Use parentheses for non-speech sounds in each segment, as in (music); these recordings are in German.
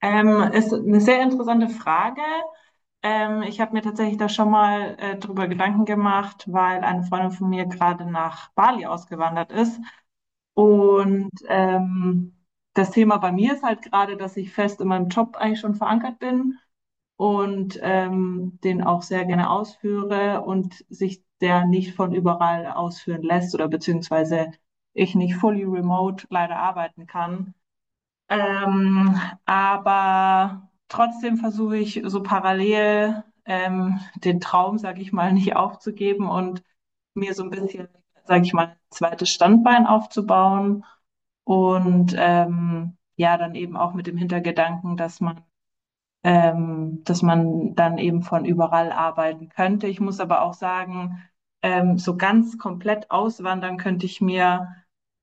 Ist eine sehr interessante Frage. Ich habe mir tatsächlich da schon mal drüber Gedanken gemacht, weil eine Freundin von mir gerade nach Bali ausgewandert ist. Und das Thema bei mir ist halt gerade, dass ich fest in meinem Job eigentlich schon verankert bin und den auch sehr gerne ausführe und sich der nicht von überall ausführen lässt oder beziehungsweise ich nicht fully remote leider arbeiten kann. Ähm, aber trotzdem versuche ich so parallel den Traum, sage ich mal, (laughs) nicht aufzugeben und mir so ein bisschen, sage ich mal, ein zweites Standbein aufzubauen. Und ja, dann eben auch mit dem Hintergedanken, dass man dann eben von überall arbeiten könnte. Ich muss aber auch sagen, so ganz komplett auswandern könnte ich mir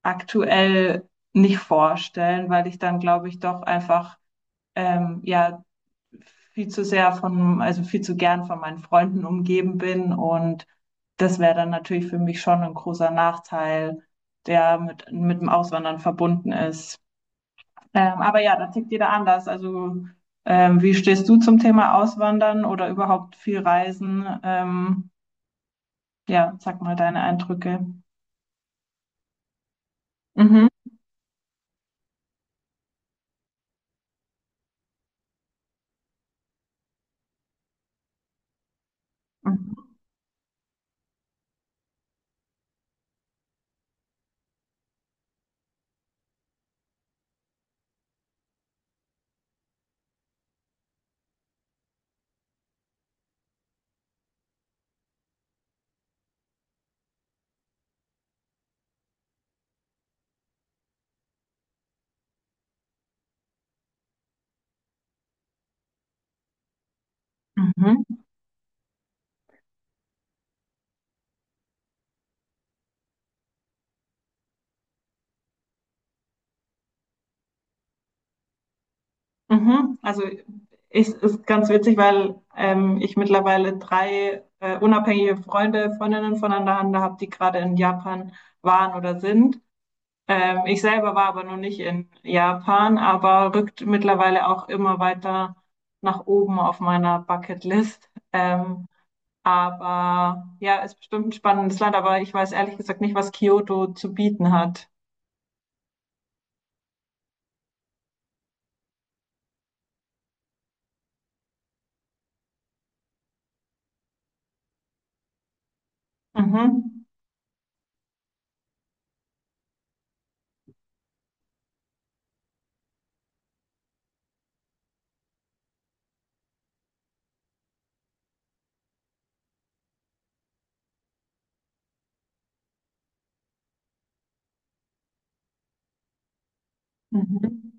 aktuell nicht vorstellen, weil ich dann, glaube ich, doch einfach ähm, ja viel zu sehr von, also viel zu gern von meinen Freunden umgeben bin und das wäre dann natürlich für mich schon ein großer Nachteil, der mit dem Auswandern verbunden ist. Aber ja, da tickt jeder anders. Also, wie stehst du zum Thema Auswandern oder überhaupt viel Reisen? Ja, sag mal deine Eindrücke. Mhm. Mhm. Mhm. Also ich, ist ganz witzig, weil ich mittlerweile drei unabhängige Freunde, Freundinnen voneinander habe, die gerade in Japan waren oder sind. Ich selber war aber noch nicht in Japan, aber rückt mittlerweile auch immer weiter nach oben auf meiner Bucketlist. Aber ja, ist bestimmt ein spannendes Land, aber ich weiß ehrlich gesagt nicht, was Kyoto zu bieten hat. Mhm. Mhm.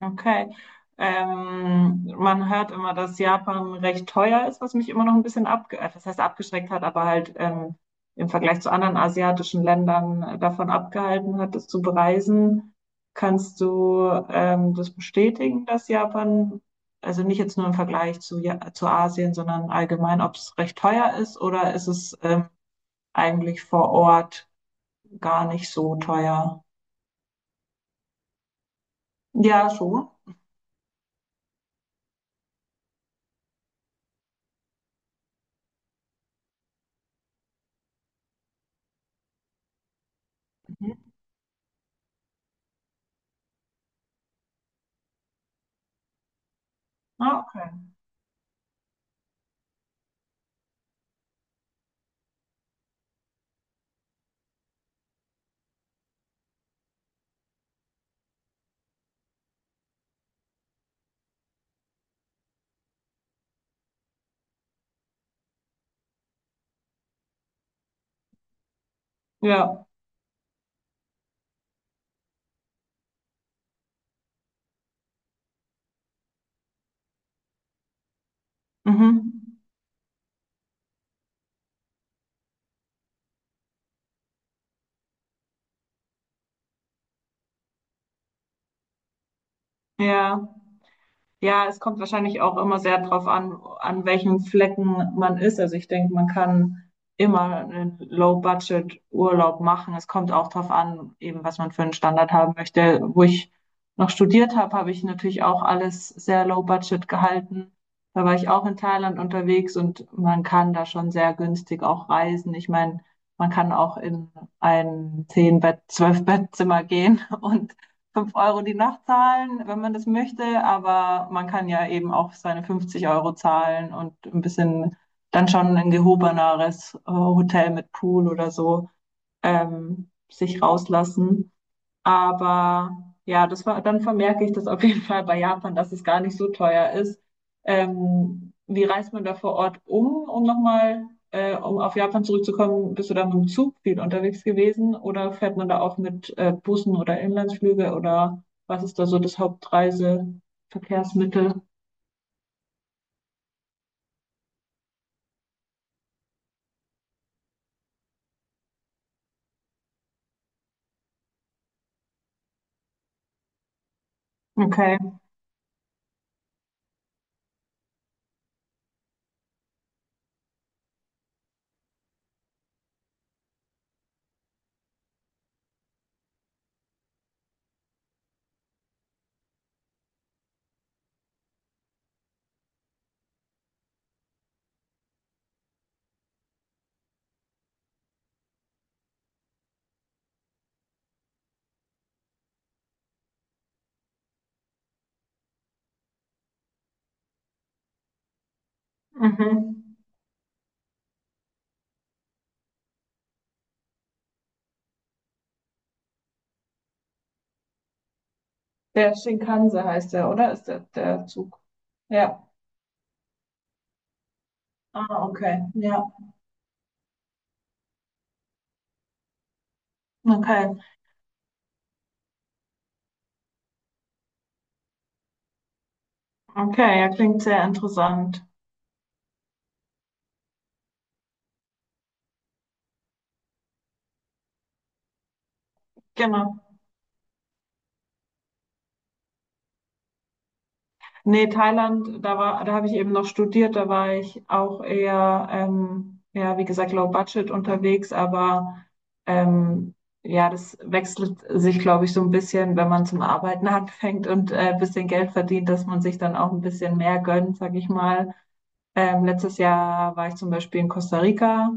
Okay. Man hört immer, dass Japan recht teuer ist, was mich immer noch ein bisschen abge das heißt abgeschreckt hat, aber halt im Vergleich zu anderen asiatischen Ländern davon abgehalten hat, es zu bereisen. Kannst du das bestätigen, dass Japan, also nicht jetzt nur im Vergleich zu, ja zu Asien, sondern allgemein, ob es recht teuer ist oder ist es eigentlich vor Ort gar nicht so teuer? Ja, schon. Mhm. Ah, okay. Ja. Mhm. Ja, ja, es kommt wahrscheinlich auch immer sehr drauf an, an welchen Flecken man ist. Also ich denke, man kann immer einen Low-Budget-Urlaub machen. Es kommt auch drauf an, eben was man für einen Standard haben möchte. Wo ich noch studiert habe, habe ich natürlich auch alles sehr Low-Budget gehalten. Da war ich auch in Thailand unterwegs und man kann da schon sehr günstig auch reisen. Ich meine, man kann auch in ein zehn bett zwölf bettzimmer gehen (laughs) und 5 Euro die Nacht zahlen, wenn man das möchte, aber man kann ja eben auch seine 50 Euro zahlen und ein bisschen dann schon ein gehobeneres Hotel mit Pool oder so sich rauslassen. Aber ja, das war, dann vermerke ich das auf jeden Fall bei Japan, dass es gar nicht so teuer ist. Wie reist man da vor Ort um nochmal, um auf Japan zurückzukommen? Bist du da mit dem Zug viel unterwegs gewesen oder fährt man da auch mit Bussen oder Inlandsflüge oder was ist da so das Hauptreiseverkehrsmittel? Okay. Mhm. Der Shinkansen heißt der, oder? Ist der, der Zug? Ja. Ah, okay. Ja, okay. Okay, ja, klingt sehr interessant. Genau. Nee, Thailand, da war, da habe ich eben noch studiert, da war ich auch eher, ja, wie gesagt, low budget unterwegs, aber ähm, ja, das wechselt sich, glaube ich, so ein bisschen, wenn man zum Arbeiten (laughs) anfängt und ein bisschen Geld verdient, dass man sich dann auch ein bisschen mehr gönnt, sag ich mal. Letztes Jahr war ich zum Beispiel in Costa Rica.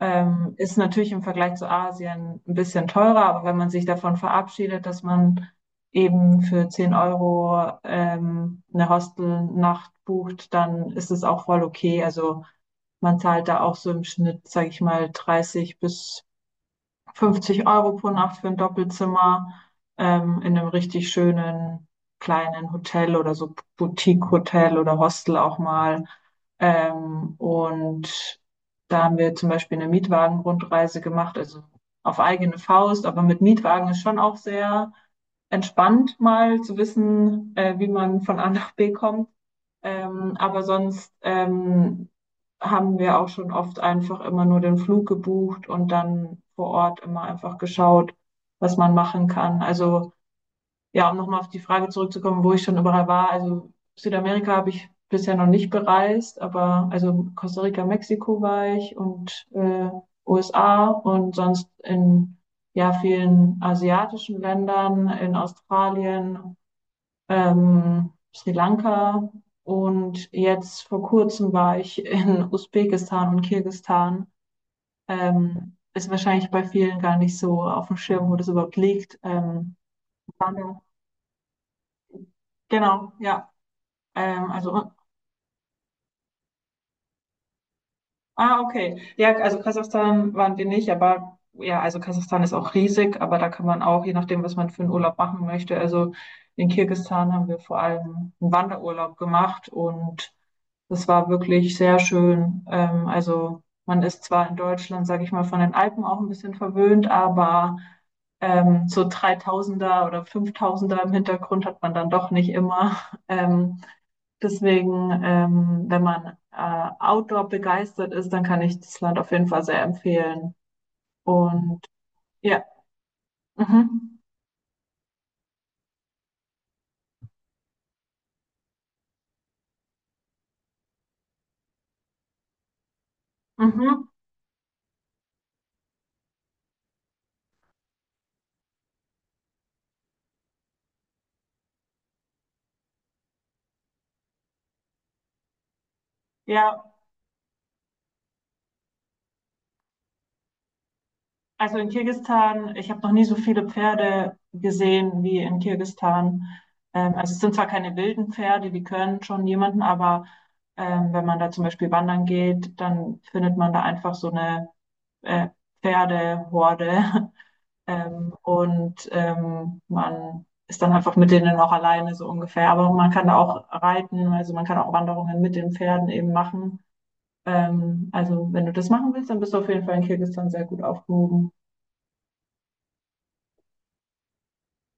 Ist natürlich im Vergleich zu Asien ein bisschen teurer, aber wenn man sich davon verabschiedet, dass man eben für 10 Euro eine Hostelnacht bucht, dann ist es auch voll okay. Also man zahlt da auch so im Schnitt, sage ich mal, 30 bis 50 Euro pro Nacht für ein Doppelzimmer in einem richtig schönen kleinen Hotel oder so Boutique-Hotel oder Hostel auch mal. Und da haben wir zum Beispiel eine Mietwagen-Rundreise gemacht, also auf eigene Faust, aber mit Mietwagen ist schon auch sehr entspannt, mal zu wissen, wie man von A nach B kommt. Aber sonst haben wir auch schon oft einfach immer nur den Flug gebucht und dann vor Ort immer einfach geschaut, was man machen kann. Also ja, um nochmal auf die Frage zurückzukommen, wo ich schon überall war. Also Südamerika habe ich bisher noch nicht bereist, aber also Costa Rica, Mexiko war ich und USA und sonst in ja vielen asiatischen Ländern, in Australien, Sri Lanka und jetzt vor kurzem war ich in (laughs) Usbekistan und Kirgisistan. Ist wahrscheinlich bei vielen gar nicht so auf dem Schirm, wo das überhaupt liegt. Waren wir- genau, ja. Also, ah, okay. Ja, also Kasachstan waren wir nicht, aber ja, also Kasachstan ist auch riesig, aber da kann man auch, je nachdem, was man für einen Urlaub machen möchte, also in Kirgisistan haben wir vor allem einen Wanderurlaub gemacht und das war wirklich sehr schön. Also man ist zwar in Deutschland, sage ich mal, von den Alpen auch ein bisschen verwöhnt, aber so 3000er oder 5000er im Hintergrund hat man dann doch nicht immer. (laughs) Ähm, deswegen, wenn man Outdoor begeistert ist, dann kann ich das Land auf jeden Fall sehr empfehlen. Und ja, mhm. Mhm. Ja. Also in Kirgisistan, ich habe noch nie so viele Pferde gesehen wie in Kirgisistan. Also es sind zwar keine wilden Pferde, die können schon jemanden, aber wenn man da zum Beispiel wandern geht, dann findet man da einfach so eine äh, Pferdehorde. (laughs) Und man ist dann einfach mit denen auch alleine so ungefähr. Aber man kann da auch reiten, also man kann auch Wanderungen mit den Pferden eben machen. Also wenn du das machen willst, dann bist du auf jeden Fall in Kirgisistan sehr gut aufgehoben.